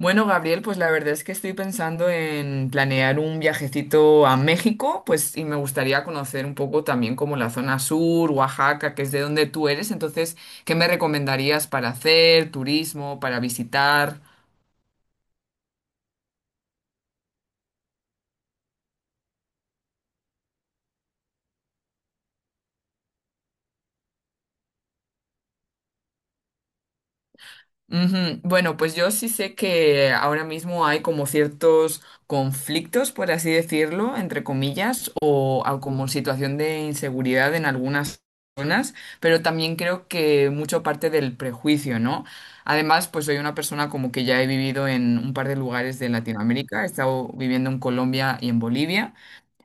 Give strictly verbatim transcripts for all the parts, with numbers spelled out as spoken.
Bueno, Gabriel, pues la verdad es que estoy pensando en planear un viajecito a México, pues y me gustaría conocer un poco también como la zona sur, Oaxaca, que es de donde tú eres. Entonces, ¿qué me recomendarías para hacer, turismo, para visitar? Ujú. Bueno, pues yo sí sé que ahora mismo hay como ciertos conflictos, por así decirlo, entre comillas, o, a- como situación de inseguridad en algunas zonas, pero también creo que mucho parte del prejuicio, ¿no? Además, pues soy una persona como que ya he vivido en un par de lugares de Latinoamérica, he estado viviendo en Colombia y en Bolivia.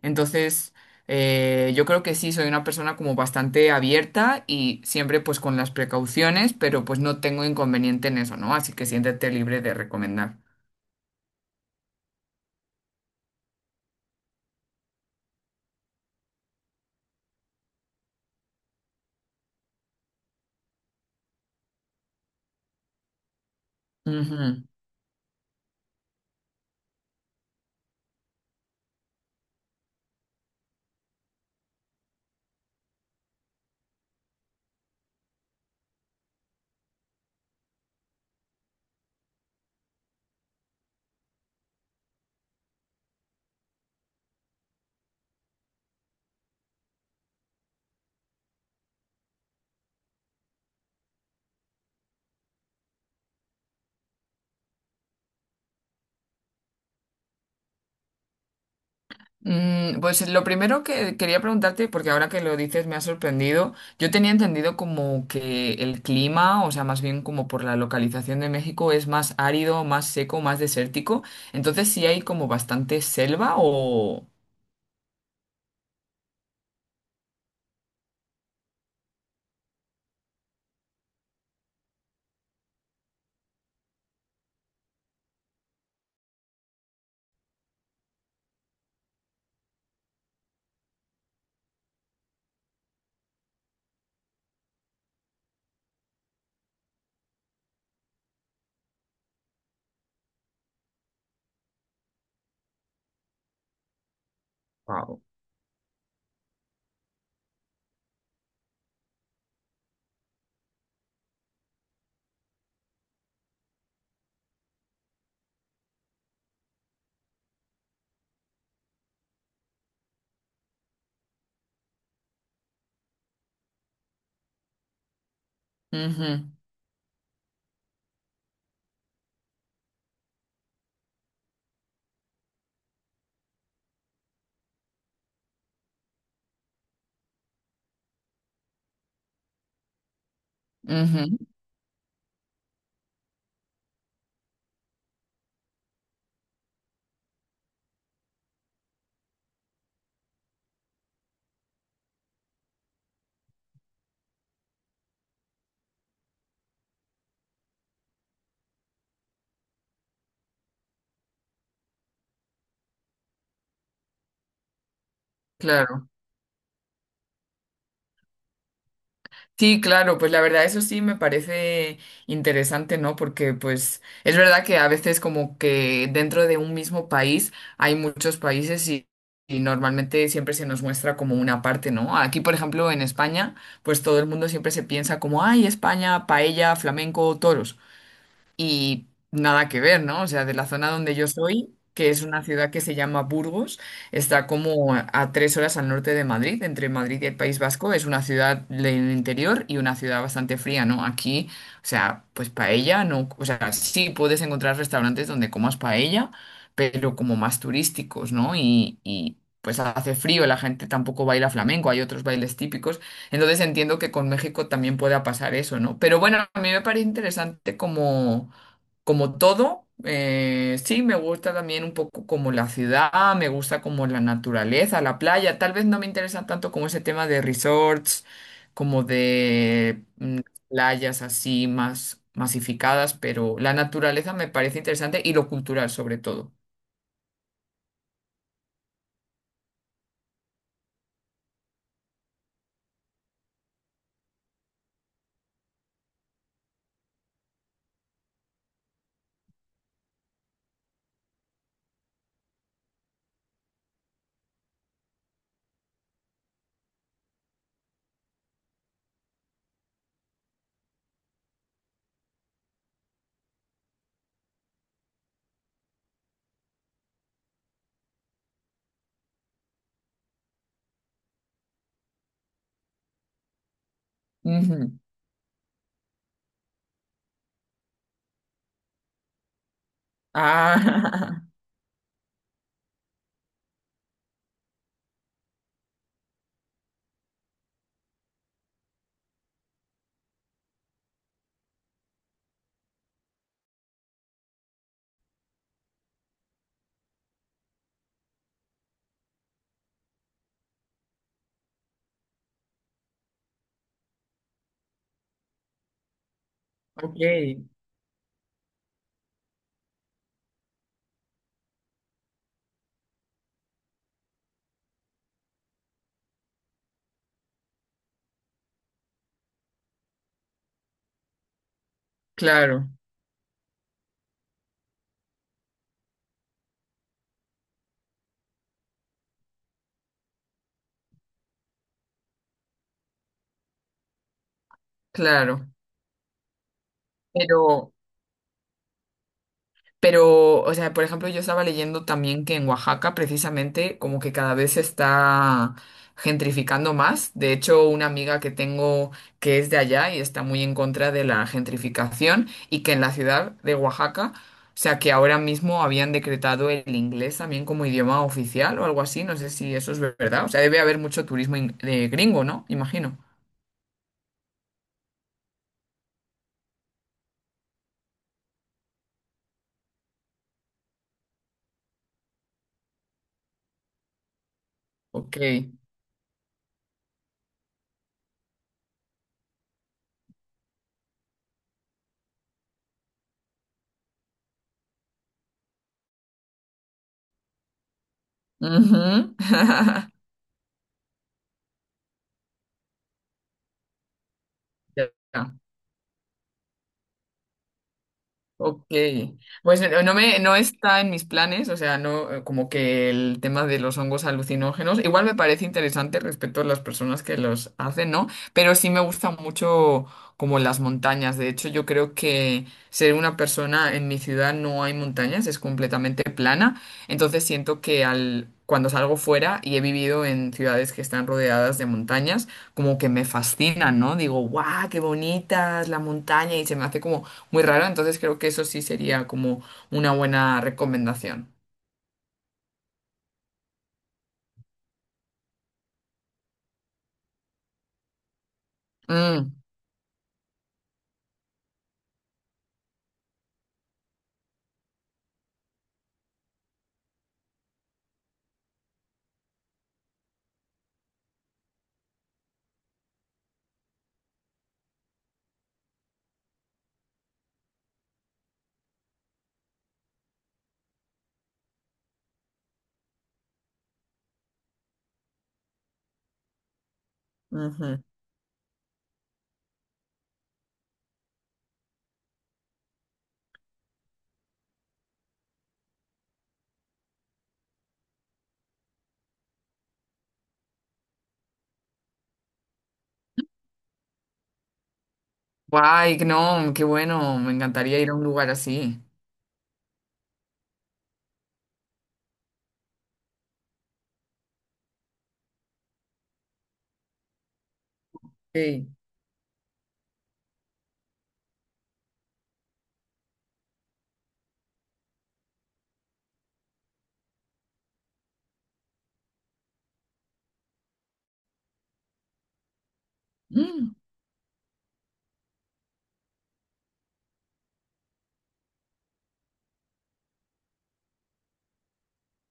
Entonces, eh, yo creo que sí, soy una persona como bastante abierta y siempre pues con las precauciones, pero pues no tengo inconveniente en eso, ¿no? Así que siéntete libre de recomendar. Ujú. Mm, pues lo primero que quería preguntarte, porque ahora que lo dices me ha sorprendido, yo tenía entendido como que el clima, o sea, más bien como por la localización de México, es más árido, más seco, más desértico. Entonces, ¿sí hay como bastante selva o...? Wow. Ujú, ujú, claro. Sí, claro, pues la verdad eso sí me parece interesante, ¿no? Porque pues es verdad que a veces como que dentro de un mismo país hay muchos países y, y normalmente siempre se nos muestra como una parte, ¿no? Aquí, por ejemplo, en España, pues todo el mundo siempre se piensa como, ay, España, paella, flamenco, toros y nada que ver, ¿no? O sea, de la zona donde yo soy, que es una ciudad que se llama Burgos, está como a a tres horas al norte de Madrid, entre Madrid y el País Vasco, es una ciudad del interior y una ciudad bastante fría, ¿no? Aquí, o sea, pues paella, no, o sea, sí puedes encontrar restaurantes donde comas paella, pero como más turísticos, ¿no? Y, y pues hace frío, la gente tampoco baila flamenco, hay otros bailes típicos. Entonces entiendo que con México también pueda pasar eso, ¿no? Pero bueno, a mí me parece interesante como, como todo, eh, sí, me gusta también un poco como la ciudad, me gusta como la naturaleza, la playa. Tal vez no me interesa tanto como ese tema de resorts, como de playas así más masificadas, pero la naturaleza me parece interesante y lo cultural sobre todo. Ujú. Ah, ok, claro, claro. Pero Pero, o sea, por ejemplo, yo estaba leyendo también que en Oaxaca precisamente como que cada vez se está gentrificando más. De hecho, una amiga que tengo que es de allá y está muy en contra de la gentrificación y que en la ciudad de Oaxaca, o sea, que ahora mismo habían decretado el inglés también como idioma oficial o algo así. No sé si eso es verdad. O sea, debe haber mucho turismo in- de gringo, ¿no? Imagino. Ok. Ujú. Ya. Ok, pues eh, no me, no está en mis planes, o sea, no, eh, como que el tema de los hongos alucinógenos, igual me parece interesante respecto a las personas que los hacen, ¿no? Pero sí me gusta mucho como las montañas, de hecho yo creo que ser una persona en mi ciudad no hay montañas, es completamente plana, entonces siento que al, cuando salgo fuera y he vivido en ciudades que están rodeadas de montañas, como que me fascinan, ¿no? Digo, guau, qué bonitas la montaña y se me hace como muy raro, entonces creo que eso sí sería como una buena recomendación. Mm, ujú. Guay, no, qué bueno, me encantaría ir a un lugar así. Sí. Mm.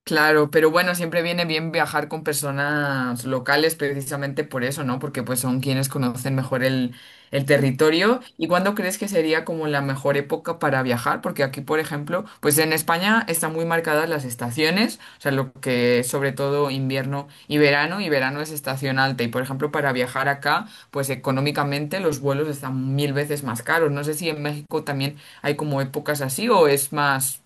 Claro, pero bueno, siempre viene bien viajar con personas locales precisamente por eso, ¿no? Porque pues son quienes conocen mejor el, el territorio. ¿Y cuándo crees que sería como la mejor época para viajar? Porque aquí, por ejemplo, pues en España están muy marcadas las estaciones, o sea, lo que es sobre todo invierno y verano, y verano es estación alta. Y por ejemplo, para viajar acá, pues económicamente los vuelos están mil veces más caros. No sé si en México también hay como épocas así o es más...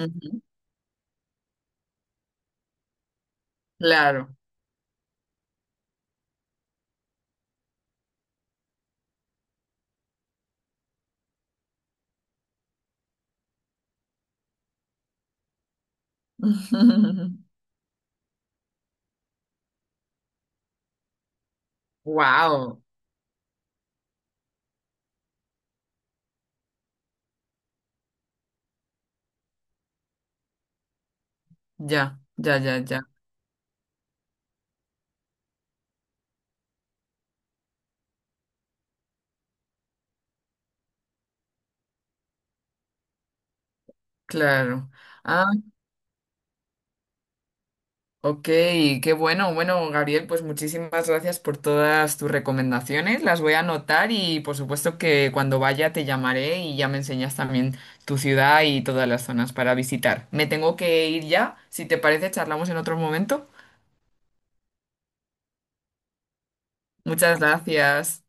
Ujú, claro. Wow, ya, ya, ya, ya, claro. Ah, ok, qué bueno. Bueno, Gabriel, pues muchísimas gracias por todas tus recomendaciones. Las voy a anotar y por supuesto que cuando vaya te llamaré y ya me enseñas también tu ciudad y todas las zonas para visitar. Me tengo que ir ya. Si te parece, charlamos en otro momento. Muchas gracias.